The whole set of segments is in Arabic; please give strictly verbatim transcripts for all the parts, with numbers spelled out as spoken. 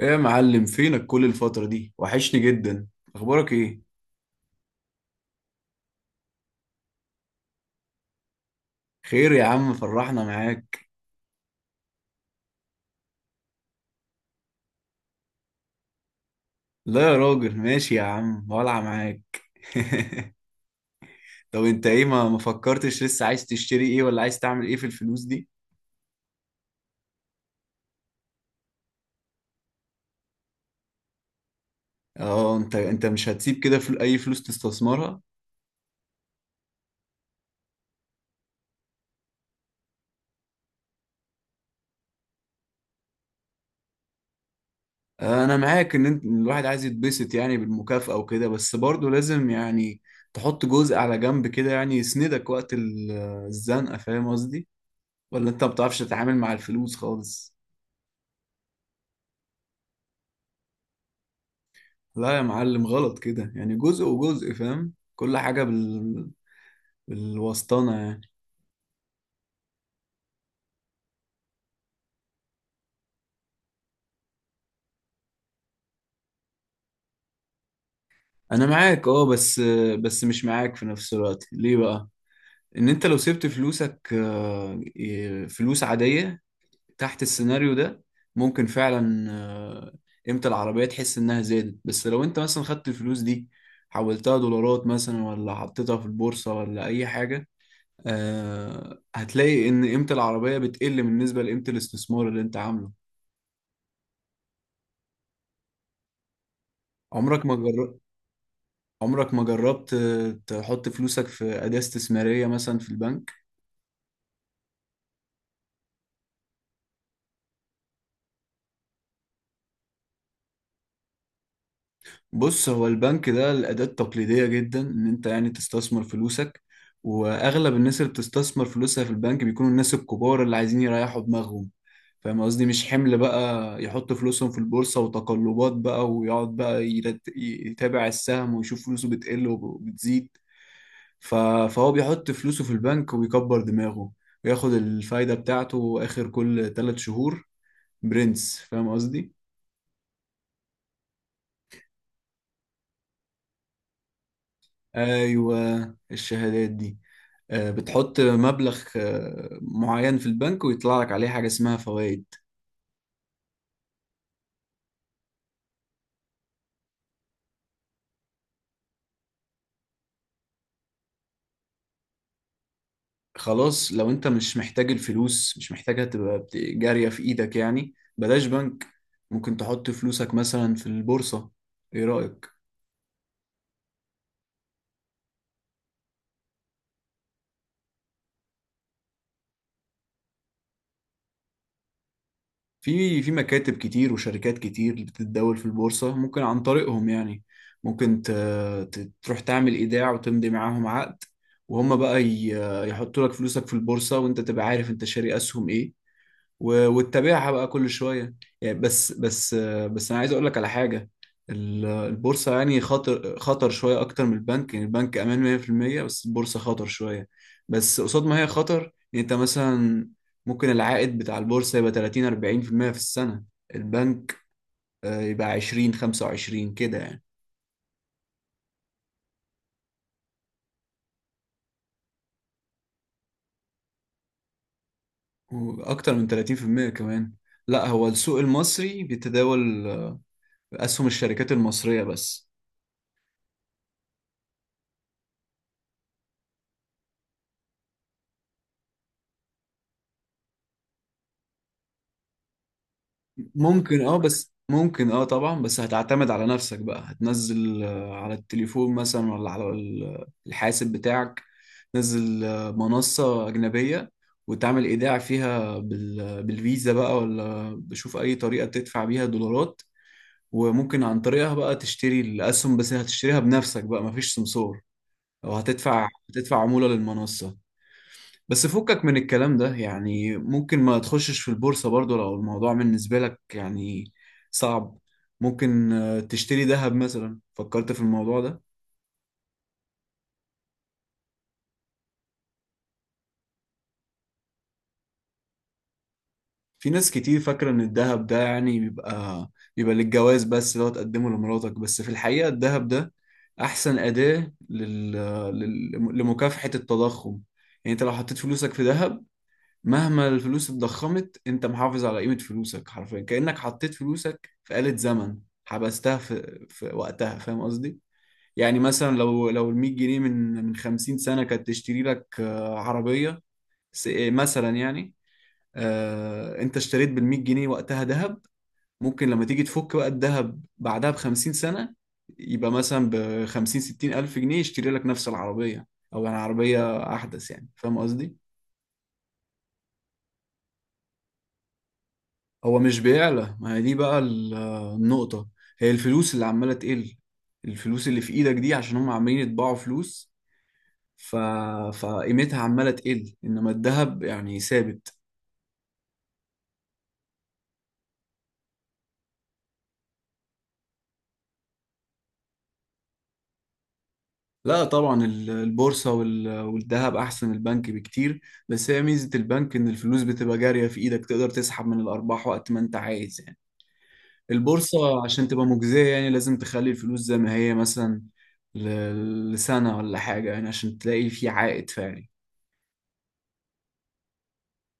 ايه يا معلم، فينك كل الفترة دي؟ وحشني جدا. اخبارك ايه؟ خير يا عم، فرحنا معاك. لا يا راجل ماشي يا عم، ولع معاك. طب انت ايه ما ما فكرتش لسه؟ عايز تشتري ايه ولا عايز تعمل ايه في الفلوس دي؟ اه، انت انت مش هتسيب كده فل... اي فلوس تستثمرها؟ آه، انا معاك ان انت إن الواحد عايز يتبسط يعني بالمكافأة وكده، بس برضه لازم يعني تحط جزء على جنب كده يعني يسندك وقت ال- الزنقة، فاهم قصدي؟ ولا انت ما بتعرفش تتعامل مع الفلوس خالص؟ لا يا معلم، غلط كده يعني. جزء وجزء، فاهم؟ كل حاجة بال... بالوسطانة يعني. أنا معاك أه، بس بس مش معاك في نفس الوقت. ليه بقى؟ إن أنت لو سبت فلوسك، آه، ي- فلوس عادية تحت السيناريو ده، ممكن فعلا آه، قيمة العربية تحس إنها زادت. بس لو أنت مثلا خدت الفلوس دي حولتها دولارات مثلا، ولا حطيتها في البورصة، ولا أي حاجة، آه، هتلاقي إن قيمة العربية بتقل بالنسبة لقيمة الاستثمار اللي أنت عامله. عمرك ما جربت. عمرك ما جربت تحط فلوسك في أداة استثمارية مثلا في البنك؟ بص، هو البنك ده الأداة التقليدية جدا إن أنت يعني تستثمر فلوسك. وأغلب الناس اللي بتستثمر فلوسها في البنك بيكونوا الناس الكبار اللي عايزين يريحوا دماغهم، فاهم قصدي؟ مش حمل بقى يحط فلوسهم في البورصة وتقلبات بقى، ويقعد بقى يرت... يتابع السهم ويشوف فلوسه بتقل وبتزيد. ف- فهو بيحط فلوسه في البنك ويكبر دماغه، وياخد الفايدة بتاعته آخر كل ثلاث شهور. برنس، فاهم قصدي؟ أيوة، الشهادات دي، آه، بتحط مبلغ آه، معين في البنك ويطلع لك عليه حاجة اسمها فوائد. خلاص، لو انت مش محتاج الفلوس، مش محتاجها تبقى بت- جارية في ايدك يعني، بلاش بنك. ممكن تحط فلوسك مثلا في البورصة. ايه رأيك؟ في في مكاتب كتير وشركات كتير اللي بتتداول في البورصة، ممكن عن طريقهم يعني. ممكن ت- ت- تروح تعمل إيداع وتمضي معاهم عقد، وهم بقى ي- يحطوا لك فلوسك في البورصة، وانت تبقى عارف انت شاري أسهم ايه، و- وتتابعها بقى كل شويه يعني. بس بس بس انا عايز اقول لك على حاجه. ال- البورصه يعني خطر، خطر شويه اكتر من البنك. يعني البنك امان مية في المية، بس البورصه خطر شويه. بس قصاد ما هي خطر، يعني انت مثلا ممكن العائد بتاع البورصه يبقى تلاتين اربعين في المية في المية في السنه. البنك آه، يبقى عشرين خمسة وعشرين كده يعني. واكتر من ثلاثين في المئة كمان. لا، هو السوق المصري بيتداول آه، اسهم الشركات المصريه بس. ممكن اه، بس ممكن اه طبعا، بس هتعتمد على نفسك بقى. هتنزل آه، على التليفون مثلا، ولا على ال- الحاسب بتاعك، تنزل آه، منصة أجنبية، وتعمل إيداع فيها بال- بالفيزا بقى، ولا بشوف أي طريقة تدفع بيها دولارات. وممكن عن طريقها بقى تشتري الأسهم، بس هتشتريها بنفسك بقى، مفيش سمسار. أو هتدفع هتدفع عمولة للمنصة. بس فكك من الكلام ده يعني، ممكن ما تخشش في البورصة برضو لو الموضوع بالنسبة لك يعني صعب. ممكن آه، تشتري ذهب مثلا. فكرت في الموضوع ده؟ في ناس كتير فاكرة إن الذهب ده يعني بيبقى بيبقى للجواز بس، لو تقدمه لمراتك. بس في الحقيقة الذهب ده أحسن أداة لل... لل... لمكافحة التضخم. يعني أنت لو حطيت فلوسك في ذهب، مهما الفلوس اتضخمت انت محافظ على قيمة فلوسك. حرفيا كأنك حطيت فلوسك في آلة زمن، حبستها في, في وقتها، فاهم قصدي؟ يعني مثلا لو لو ال مية جنيه من من خمسين سنة كانت تشتري لك آه، عربية. س- آه، مثلا يعني، آه، انت اشتريت بال مية جنيه وقتها ذهب، ممكن لما تيجي تفك بقى الذهب بعدها ب خمسين سنة، يبقى مثلا ب خمسين ستين ألف جنيه يشتري لك نفس العربية، أو يعني عربية أحدث يعني، فاهم قصدي؟ هو مش بيعلى، ما هي دي بقى ال- النقطة. هي الفلوس اللي عمالة تقل، الفلوس اللي في ايدك دي، عشان هم عمالين يطبعوا فلوس. ف... فقيمتها عمالة تقل، انما الذهب يعني ثابت. لا طبعا، ال- البورصة وال... والذهب احسن البنك بكتير. بس هي ميزة البنك ان الفلوس بتبقى جارية في ايدك، تقدر تسحب من الارباح وقت ما انت عايز يعني. البورصة عشان تبقى مجزية يعني لازم تخلي الفلوس زي ما هي مثلا ل... لسنة ولا حاجة، يعني عشان تلاقي في عائد فعلي.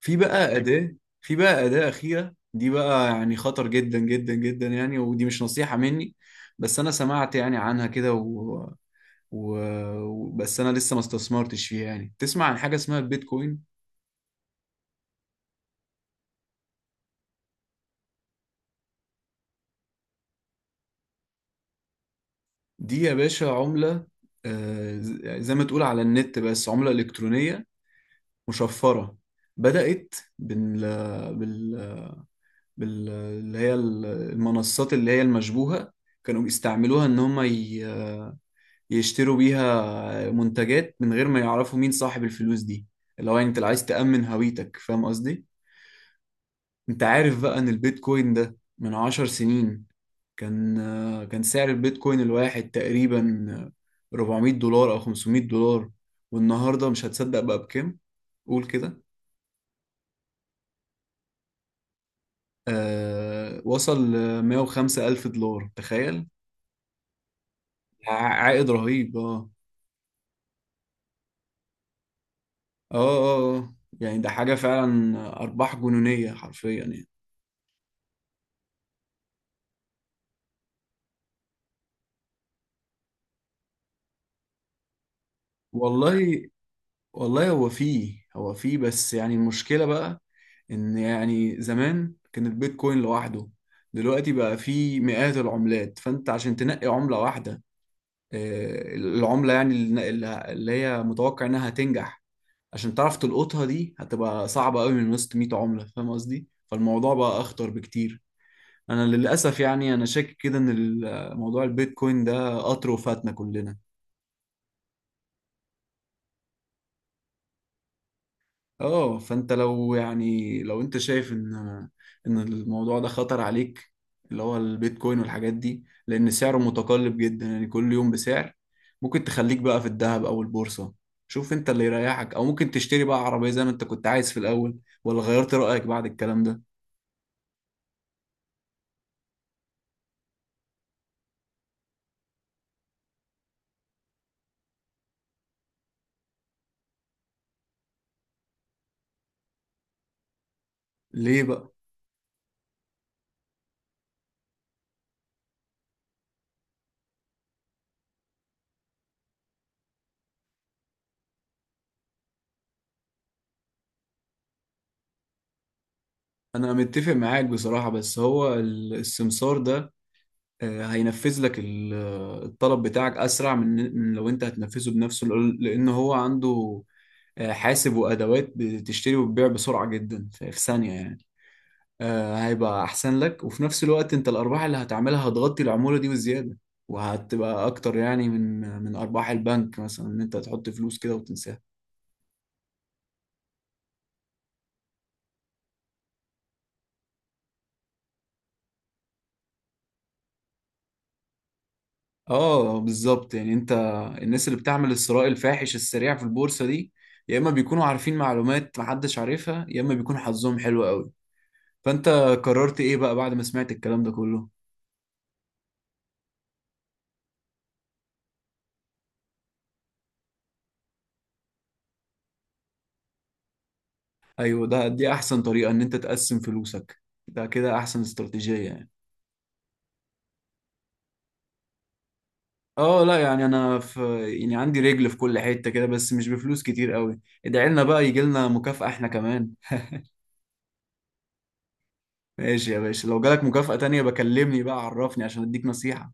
في بقى أداة. في بقى أداة أخيرة دي بقى، يعني خطر جدا جدا جدا يعني، ودي مش نصيحة مني، بس أنا سمعت يعني عنها كده و... و... و- بس أنا لسه ما استثمرتش فيها يعني. تسمع عن حاجة اسمها البيتكوين؟ دي يا باشا عملة، آه، ز- زي ما تقول على النت، بس عملة إلكترونية مشفرة. بدأت بال... بال... بال... اللي هي المنصات اللي هي المشبوهة، كانوا بيستعملوها إن هم ي... يشتروا بيها منتجات من غير ما يعرفوا مين صاحب الفلوس دي، اللي هو انت عايز تأمن هويتك، فاهم قصدي؟ انت عارف بقى ان البيتكوين ده من عشر سنين كان آه، كان سعر البيتكوين الواحد تقريبا آه، اربعمية دولار او خمسمئة دولار؟ والنهارده مش هتصدق بقى بكام، قول كده. آه، وصل ل مية وخمسة الف دولار، تخيل. ع- عائد رهيب، اه اه اه آه. يعني ده حاجة فعلا، أرباح جنونية حرفيا يعني. والله والله هو فيه، هو فيه بس يعني المشكلة بقى، إن يعني زمان كان البيتكوين لوحده، دلوقتي بقى فيه مئات العملات. فأنت عشان تنقي عملة واحدة، آه، العملة يعني اللي اللي هي متوقع إنها هتنجح، عشان تعرف تلقطها دي هتبقى صعبة قوي من وسط مئة عملة، فاهم قصدي؟ فالموضوع بقى أخطر بكتير. أنا للأسف يعني أنا شاكك كده إن ال- موضوع البيتكوين ده قطر وفاتنا كلنا. اه، فانت لو يعني لو انت شايف ان ان الموضوع ده خطر عليك، اللي هو البيتكوين والحاجات دي، لان سعره متقلب جدا يعني كل يوم بسعر، ممكن تخليك بقى في الذهب او البورصة، شوف انت اللي يريحك. او ممكن تشتري بقى عربية زي ما انت كنت عايز في الاول، ولا غيرت رأيك بعد الكلام ده؟ ليه بقى؟ انا متفق معاك بصراحة، بس هو ال- السمسار ده آه، هينفذ لك ال- الطلب بتاعك اسرع من من لو انت هتنفذه بنفسه، لأن لأن هو عنده آه، حاسب وادوات بتشتري وتبيع بسرعه جدا، في في ثانيه يعني. آه، هيبقى احسن لك، وفي نفس الوقت انت الارباح اللي هتعملها هتغطي العموله دي وزياده، وهتبقى اكتر يعني من من ارباح البنك مثلا، ان انت تحط فلوس كده وتنساها. اه بالظبط، يعني انت الناس اللي بتعمل الثراء الفاحش السريع في البورصه دي، يا اما بيكونوا عارفين معلومات محدش عارفها، يا اما بيكون حظهم حلو قوي. فانت قررت ايه بقى بعد ما سمعت الكلام ده كله؟ ايوه، ده دي احسن طريقة، ان انت تقسم فلوسك. ده كده احسن استراتيجية يعني. اه لا، يعني انا في، يعني عندي رجل في كل حتة كده، بس مش بفلوس كتير قوي. ادعي لنا بقى يجي لنا مكافأة احنا كمان. ماشي يا باشا، لو جالك مكافأة تانية بكلمني بقى، عرفني عشان اديك نصيحة.